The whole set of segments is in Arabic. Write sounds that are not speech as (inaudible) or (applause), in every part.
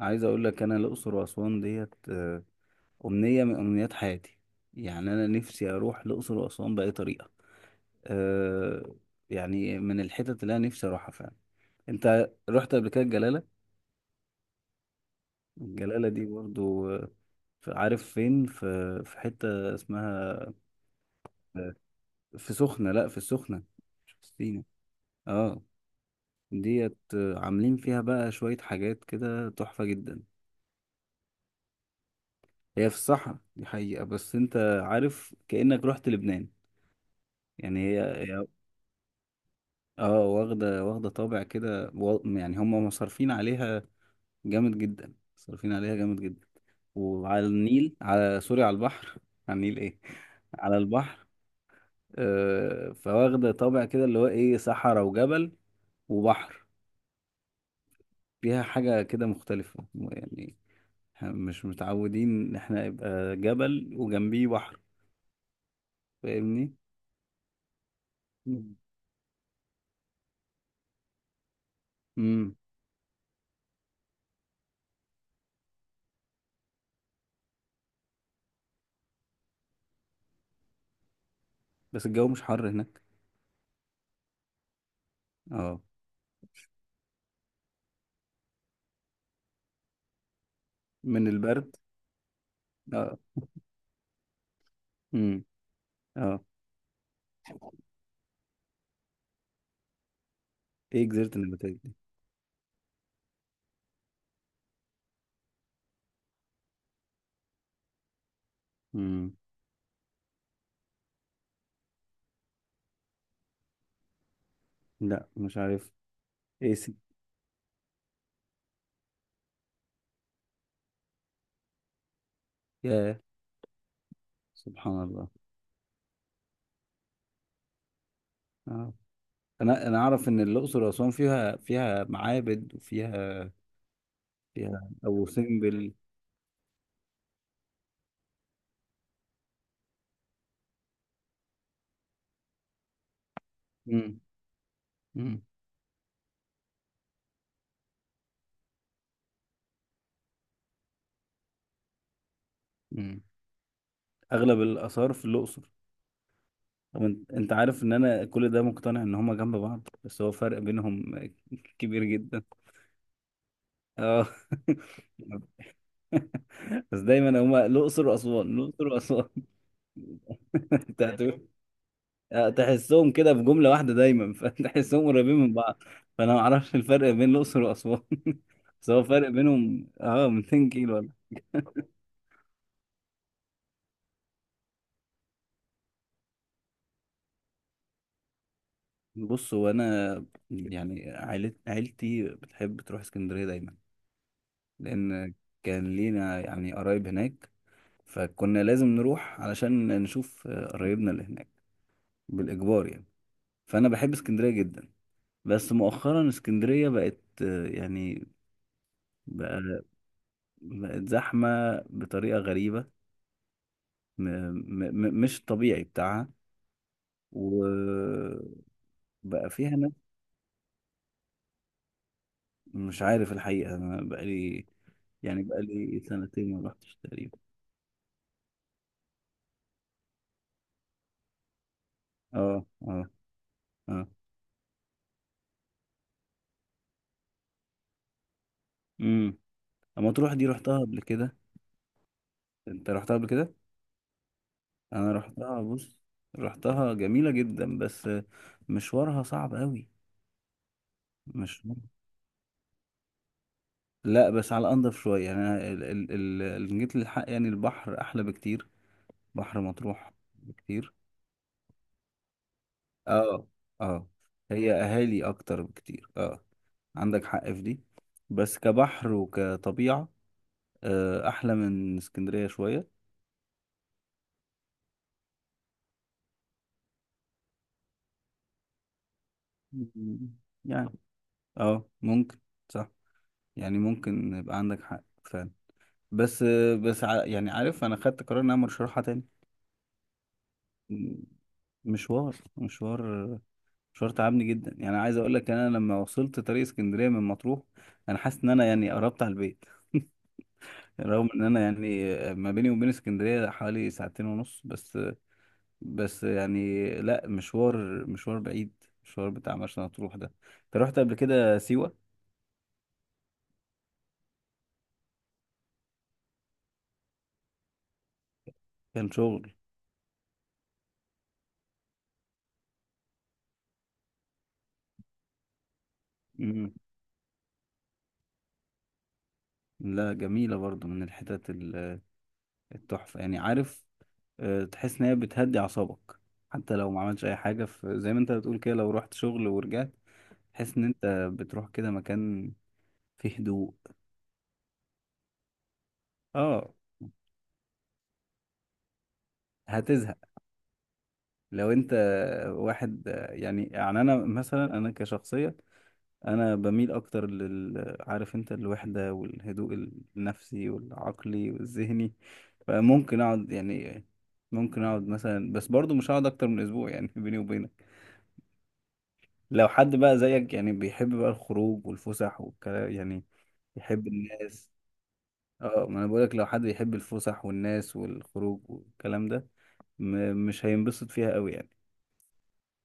عايز اقول لك انا الاقصر واسوان ديت آه، امنيه من امنيات حياتي. يعني انا نفسي اروح الاقصر واسوان باي طريقه. أه، يعني من الحتت اللي انا نفسي اروحها فعلا. انت رحت قبل كده الجلاله؟ الجلاله دي برضو آه، عارف فين في حته اسمها. آه، في سخنه، لا في السخنه. مش في سينا. اه. ديت آه، عاملين فيها بقى شويه حاجات كده تحفه جدا. هي في الصحراء دي حقيقة، بس انت عارف كأنك رحت لبنان. يعني هي. اه، واخدة طابع كده يعني هم مصرفين عليها جامد جدا، مصرفين عليها جامد جدا. وعلى النيل، على سوري، على البحر. على النيل، ايه، على البحر. آه، فواخدة طابع كده اللي هو ايه، صحراء وجبل وبحر. فيها حاجة كده مختلفة يعني. إحنا مش متعودين ان احنا يبقى جبل وجنبيه بحر. فاهمني؟ مم. مم. بس الجو مش حر هناك؟ اه، من البرد. اه. امم. اه، ايه جزيرة النباتات دي؟ امم. لا مش عارف. ايه سي؟ يا سبحان الله. اه، انا انا اعرف ان الاقصر واسوان فيها فيها معابد وفيها، فيها ابو سمبل. امم. امم. امم. اغلب الاثار في الاقصر. طب انت، أنت عارف ان انا كل ده مقتنع ان هما جنب بعض، بس هو فرق بينهم (laughs) كبير جدا. اه. (laughs) بس دايما هما الاقصر واسوان، الاقصر واسوان. انت هتقول- تحسهم كده في جملة واحدة دايما، فتحسهم (laughs) قريبين من بعض. فانا ما اعرفش الفرق بين الاقصر واسوان (laughs) بس هو فرق بينهم اه 200 كيلو ولا؟ بص، هو انا يعني عيلتي بتحب تروح اسكندرية دايما، لان كان لينا يعني قرايب هناك، فكنا لازم نروح علشان نشوف قرايبنا اللي هناك، بالاجبار يعني. فانا بحب اسكندرية جدا. بس مؤخرا اسكندرية بقت آه، يعني بقى، بقت زحمة بطريقة غريبة. م م م مش الطبيعي بتاعها. وبقى فيها ناس. مش عارف الحقيقة، أنا بقالي، يعني بقالي سنتين ما رحتش تقريبا. اه. اه. اه. امم. اما تروح دي، رحتها قبل كده؟ انت رحتها قبل كده. انا رحتها، بص، رحتها جميلة جدا، بس مشوارها صعب قوي. مش، لا، بس على انضف شوية. يعني انا اللي جيت للحق يعني البحر احلى بكتير، بحر مطروح بكتير. اه. اه. هي اهالي اكتر بكتير، اه. عندك حق في دي. بس كبحر وكطبيعة آه، احلى من اسكندرية شوية. (laughs) مم. يعني اه ممكن. صح. يعني ممكن يبقى عندك حق فعلا. بس آه، بس يعني عارف، انا خدت قرار ان انا مش هروحها تاني. مم. مشوار، مشوار تعبني جدا. يعني عايز اقول لك انا لما وصلت طريق اسكندرية من مطروح انا حاسس ان انا يعني قربت على البيت، رغم ان انا يعني ما بيني وبين اسكندريه حوالي ساعتين ونص بس. بس يعني لا، مشوار بعيد، مشوار بتاع مرسى مطروح ده. انت رحت قبل كده سيوه؟ كان شغل. مم. لا جميله برضو، من الحتت التحفه. يعني عارف آه، تحس ان هي بتهدي اعصابك. حتى لو ما عملتش اي حاجه في زي ما انت بتقول كده، لو رحت شغل ورجعت تحس ان انت بتروح كده مكان فيه هدوء. اه. هتزهق. لو انت واحد يعني، انا مثلا انا كشخصية، انا بميل اكتر لل، عارف انت، الوحدة والهدوء النفسي والعقلي والذهني. فممكن اقعد يعني، ممكن اقعد مثلا، بس برضو مش هقعد اكتر من اسبوع يعني (laughs) بيني وبينك. لو حد بقى زيك يعني، بيحب بقى الخروج والفسح والكلام يعني، يحب الناس. اه، ما انا بقولك لو حد يحب الفسح والناس والخروج والكلام ده، مش هينبسط فيها قوي يعني.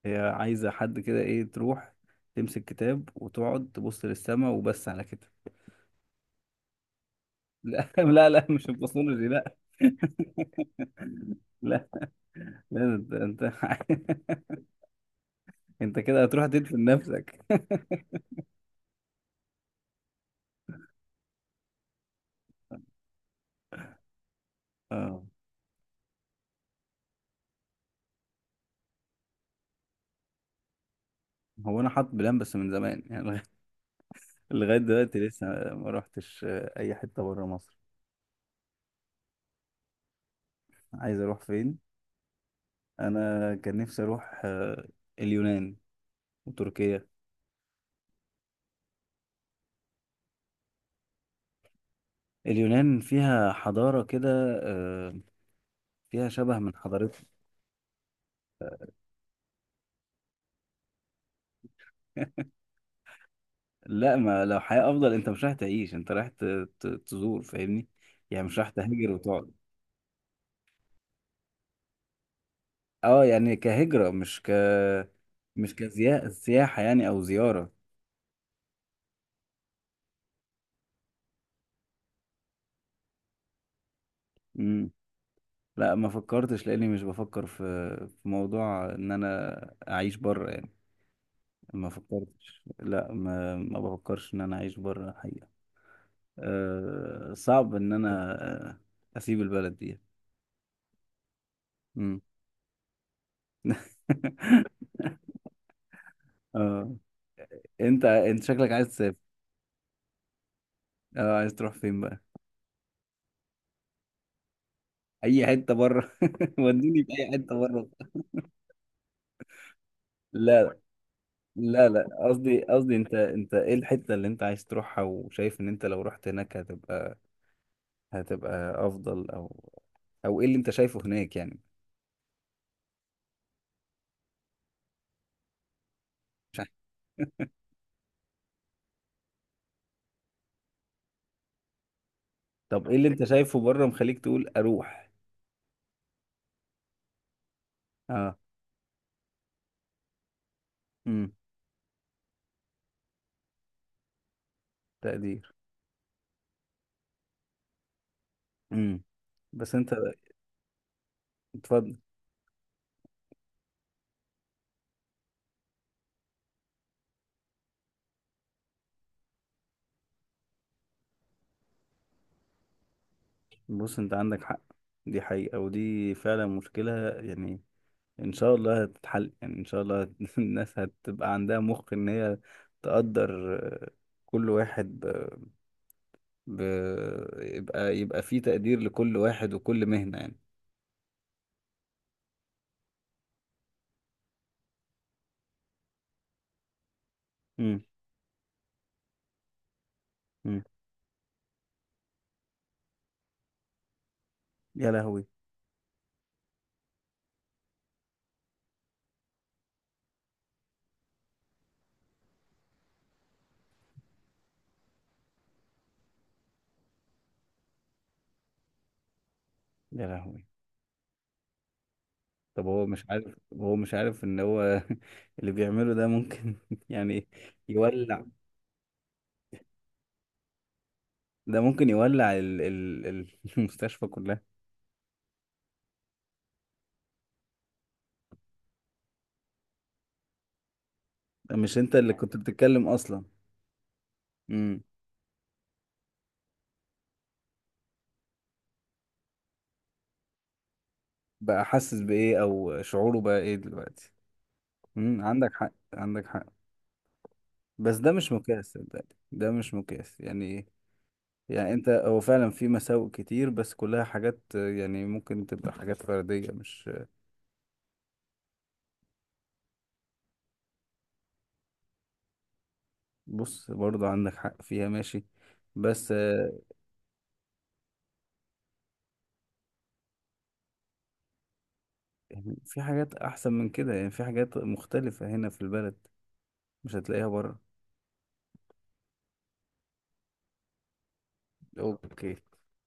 هي عايزة حد كده ايه، تروح تمسك كتاب وتقعد تبص للسما وبس، على كده. لا (laughs) لا مش الباثولوجي لا. (laughs) لا. لا انت (laughs) انت كده هتروح تدفن نفسك. اه. هو انا حاطط بلان بس من زمان، يعني لغاية، لغاية دلوقتي لسه ما روحتش آه، اي حتة بره مصر. عايز اروح فين؟ انا كان نفسي اروح آه، اليونان وتركيا. اليونان فيها حضارة كده آه، فيها شبه من حضارتنا. لا، ما لو حياة أفضل أنت مش رايح تعيش، أنت رايح تزور، فاهمني؟ يعني مش رايح تهاجر وتقعد. أه يعني كهجرة مش ك، مش كسياحة يعني أو زيارة. مم. لا ما فكرتش، لأني مش بفكر في في موضوع إن أنا أعيش بره يعني. ما فكرتش، لا، ما بفكرش إن أنا أعيش بره الحقيقة. أه صعب إن أنا آه، أسيب البلد دي. مم. (laughs) أه. أنت شكلك عايز تسافر. أه، عايز تروح فين بقى؟ اي حته بره (laughs) وديني في اي حته بره. لا. لا قصدي، قصدي انت، انت ايه الحته اللي انت عايز تروحها وشايف ان انت لو رحت هناك هتبقى، هتبقى افضل، او او ايه اللي انت شايفه هناك يعني. طب ايه اللي انت شايفه بره مخليك تقول اروح؟ اه. امم. تقدير. امم. بس انت، اتفضل. بص، انت عندك حق، دي حقيقة، ودي فعلا مشكلة يعني. ان شاء الله هتتحل يعني، ان شاء الله (laughs) الناس هتبقى عندها مخ ان هي تقدر آه، كل واحد ب... ب... يبقى، يبقى في تقدير لكل واحد وكل مهنة يعني. امم. امم. يا لهوي. يا لهوي. طب هو مش عارف؟ هو مش عارف ان هو (laughs) اللي بيعمله ده ممكن (laughs) يعني يولع؟ ده ممكن يولع (laughs) المستشفى كلها. مش انت اللي كنت بتتكلم اصلا؟ امم. بقى حاسس بايه، او شعوره بقى ايه دلوقتي؟ امم. عندك حق. بس ده مش مقياس، صدقني ده مش مقياس يعني إيه؟ يعني انت، هو فعلا في مساوئ كتير، بس كلها حاجات آه، يعني ممكن تبقى حاجات فردية مش. بص برضه عندك حق فيها، ماشي. بس آه، يعني في حاجات احسن من كده، يعني في حاجات مختلفة هنا في البلد مش هتلاقيها بره. اوكي.